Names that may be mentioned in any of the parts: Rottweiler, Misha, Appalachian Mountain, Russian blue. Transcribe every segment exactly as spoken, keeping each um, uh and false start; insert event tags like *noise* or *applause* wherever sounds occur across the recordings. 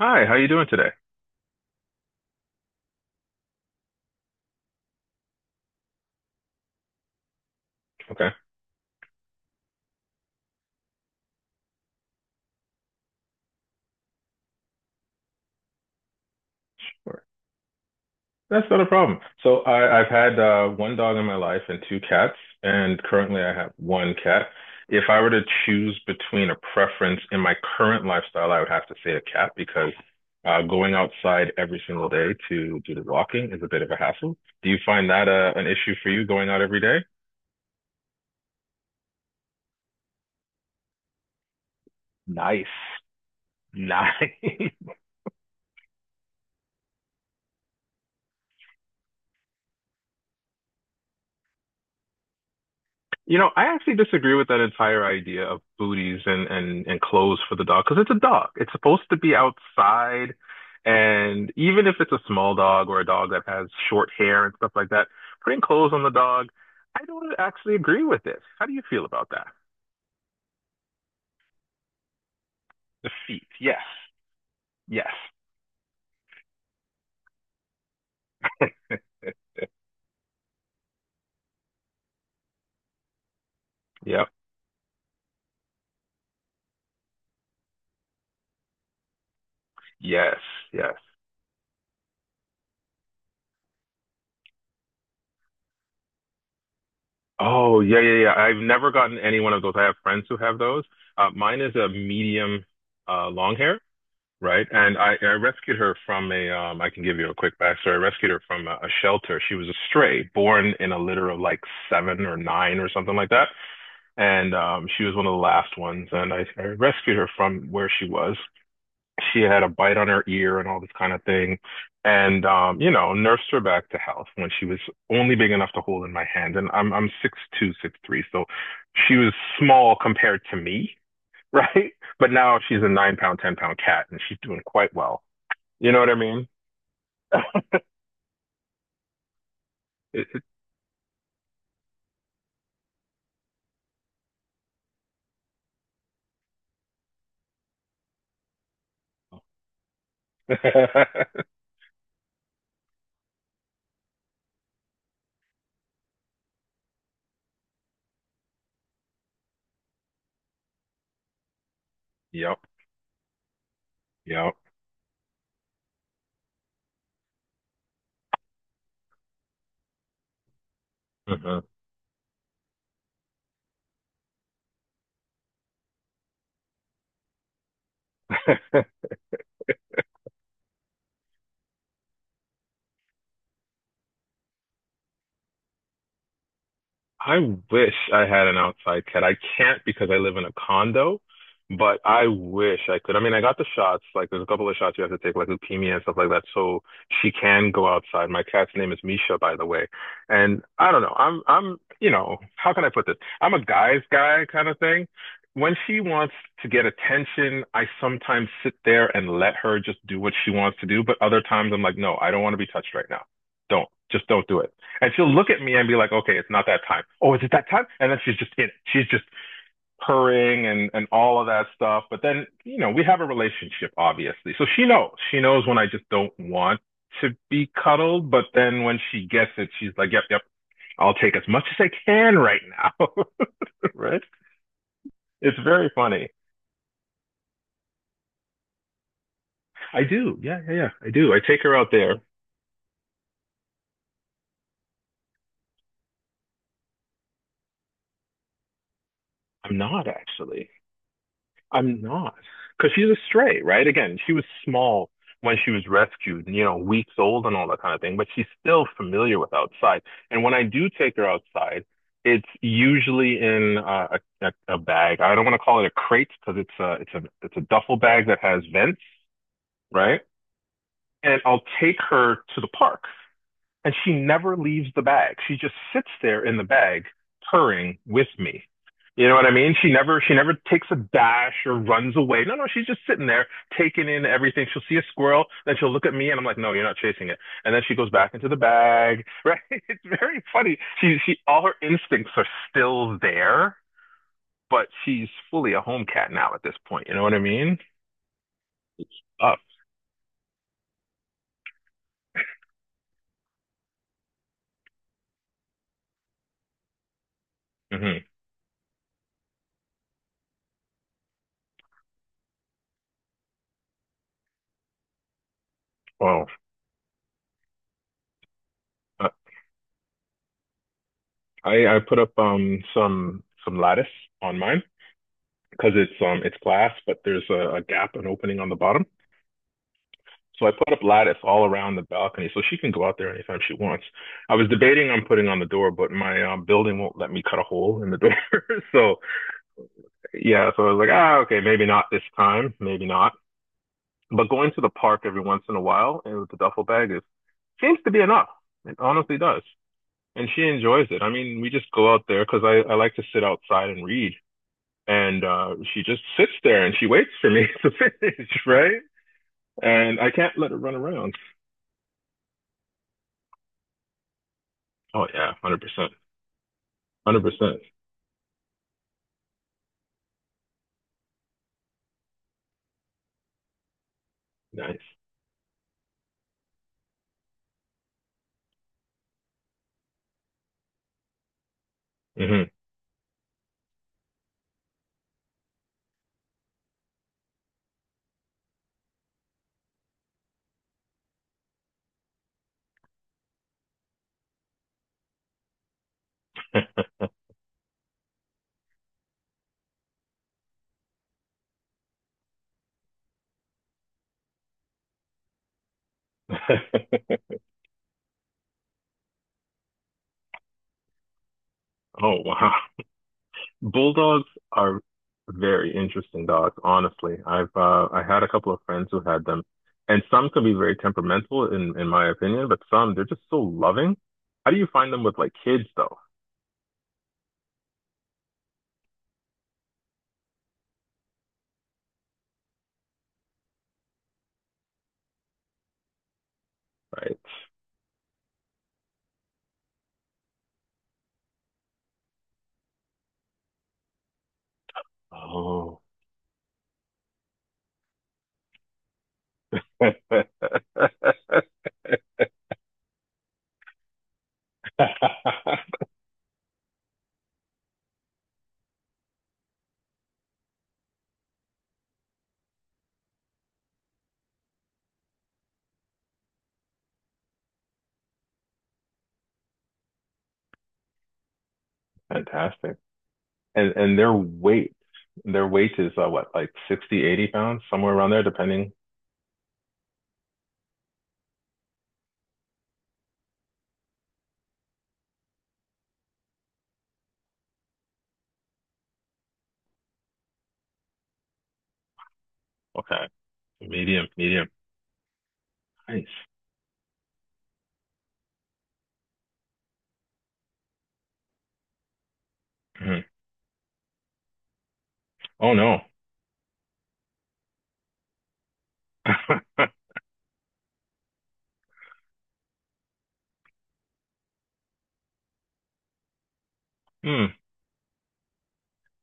Hi, how you doing today? Okay, sure. That's not a problem. So I, I've had uh, one dog in my life and two cats, and currently I have one cat. If I were to choose between a preference in my current lifestyle, I would have to say a cat because uh, going outside every single day to do the walking is a bit of a hassle. Do you find that uh, an issue for you going out every day? Nice. *laughs* Nice. You know, I actually disagree with that entire idea of booties and and and clothes for the dog because it's a dog. It's supposed to be outside, and even if it's a small dog or a dog that has short hair and stuff like that, putting clothes on the dog, I don't actually agree with this. How do you feel about that? The feet. Yes. Yes. Yep. Yes. Yes. Oh, yeah, yeah, yeah. I've never gotten any one of those. I have friends who have those. Uh, mine is a medium uh, long hair. Right? And I, I rescued her from a, um, I can give you a quick backstory. I rescued her from a, a shelter. She was a stray, born in a litter of like seven or nine or something like that. And um, she was one of the last ones. And I, I rescued her from where she was. She had a bite on her ear and all this kind of thing. And, um, you know, nursed her back to health when she was only big enough to hold in my hand. And I'm, I'm six'two", so she was small compared to me, *laughs* right? But now she's a nine pound, ten pound cat and she's doing quite well, you know what I mean? *laughs* *laughs* Yep. Yep. Mhm. *laughs* I wish I had an outside cat. I can't because I live in a condo, but I wish I could. I mean, I got the shots. Like, there's a couple of shots you have to take, like leukemia and stuff like that, so she can go outside. My cat's name is Misha, by the way. And I don't know. I'm, I'm, you know, how can I put this? I'm a guy's guy kind of thing. When she wants to get attention, I sometimes sit there and let her just do what she wants to do. But other times I'm like, no, I don't want to be touched right now. Don't, just don't do it. And she'll look at me and be like, okay, it's not that time. Oh, is it that time? And then she's just in it. She's just purring and, and all of that stuff. But then, you know, we have a relationship, obviously. So she knows. She knows when I just don't want to be cuddled. But then when she gets it, she's like, yep, yep, I'll take as much as I can right now. *laughs* Right? It's very funny. I do. Yeah, yeah, yeah. I do. I take her out there. I'm not actually. I'm not. Because she's a stray, right? Again, she was small when she was rescued, you know, weeks old and all that kind of thing, but she's still familiar with outside. And when I do take her outside, it's usually in uh, a, a, a bag. I don't want to call it a crate because it's a, it's a, it's a duffel bag that has vents, right? And I'll take her to the park and she never leaves the bag. She just sits there in the bag, purring with me. You know what I mean? She never she never takes a dash or runs away. No, no, she's just sitting there taking in everything. She'll see a squirrel, then she'll look at me, and I'm like, "No, you're not chasing it." And then she goes back into the bag. *laughs* Right? It's very funny. She she all her instincts are still there, but she's fully a home cat now at this point. You know what I mean? Up. hmm Well, uh, I I put up um some some lattice on mine because it's um it's glass, but there's a, a gap, an opening on the bottom. So I put up lattice all around the balcony, so she can go out there anytime she wants. I was debating on putting on the door, but my um, building won't let me cut a hole in the door. *laughs* So yeah, so I was like, ah, okay, maybe not this time, maybe not. But going to the park every once in a while and with the duffel bag is seems to be enough. It honestly does, and she enjoys it. I mean, we just go out there because I I like to sit outside and read, and uh, she just sits there and she waits for me *laughs* to finish, right? And I can't let it run around. Oh yeah, one hundred percent, one hundred percent. Nice. Hmm. *laughs* Oh wow, bulldogs are very interesting dogs. Honestly, I've uh, I had a couple of friends who had them, and some can be very temperamental in in my opinion, but some they're just so loving. How do you find them with like kids though? Right. Oh. *laughs* Fantastic. and and their weight their weight is uh, what like sixty, eighty pounds somewhere around there depending. Okay. Medium medium Nice. Mhm. Oh no. *laughs* Hmm.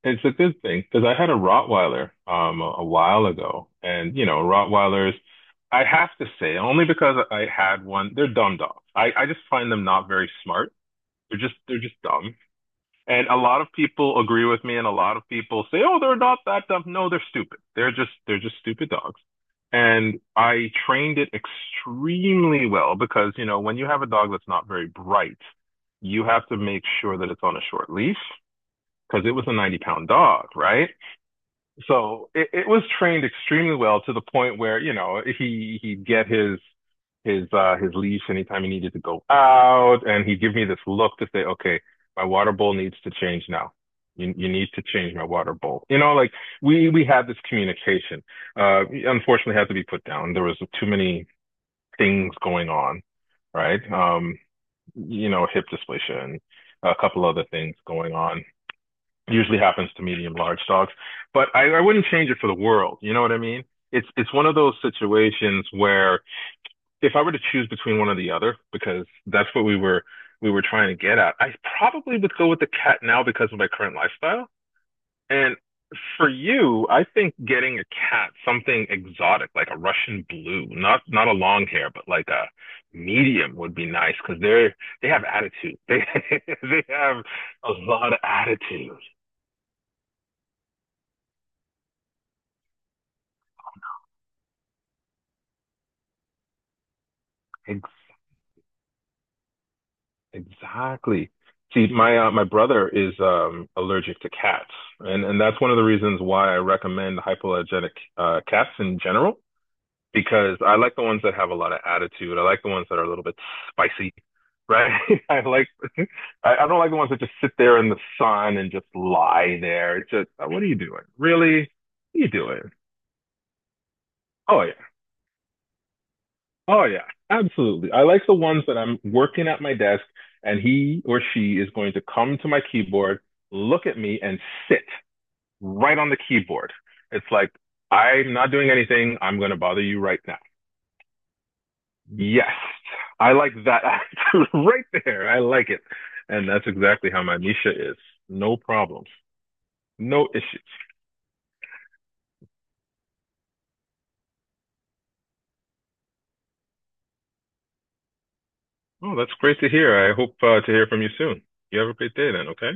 It's a good thing because I had a Rottweiler um a, a while ago, and you know Rottweilers I have to say only because I had one, they're dumb dogs. I I just find them not very smart, they're just they're just dumb. And a lot of people agree with me, and a lot of people say, "Oh, they're not that dumb." No, they're stupid. They're just they're just stupid dogs. And I trained it extremely well because, you know, when you have a dog that's not very bright, you have to make sure that it's on a short leash because it was a ninety pound dog, right? So it, it was trained extremely well to the point where, you know, he he'd get his his uh his leash anytime he needed to go out, and he'd give me this look to say okay, my water bowl needs to change now, you you need to change my water bowl, you know, like we we had this communication. Uh unfortunately, had to be put down. There was too many things going on, right? Um you know, hip dysplasia and a couple other things going on, usually happens to medium large dogs. But I, I wouldn't change it for the world. You know what I mean? It's it's one of those situations where if I were to choose between one or the other, because that's what we were we were trying to get at, I probably would go with the cat now because of my current lifestyle. And for you, I think getting a cat, something exotic like a Russian blue, not not a long hair, but like a medium would be nice because they're they have attitude. They *laughs* they have a lot of attitude. Exactly. Exactly. See, my uh, my brother is um, allergic to cats, and and that's one of the reasons why I recommend hypoallergenic uh, cats in general because I like the ones that have a lot of attitude. I like the ones that are a little bit spicy, right? *laughs* I like I, I don't like the ones that just sit there in the sun and just lie there. It's just, "Uh, what are you doing? Really? What are you doing? Oh yeah. Oh yeah, absolutely. I like the ones that I'm working at my desk and he or she is going to come to my keyboard, look at me and sit right on the keyboard. It's like, I'm not doing anything. I'm going to bother you right now. Yes. I like that attitude *laughs* right there. I like it. And that's exactly how my Misha is. No problems, no issues. Oh, that's great to hear. I hope uh, to hear from you soon. You have a great day then, okay?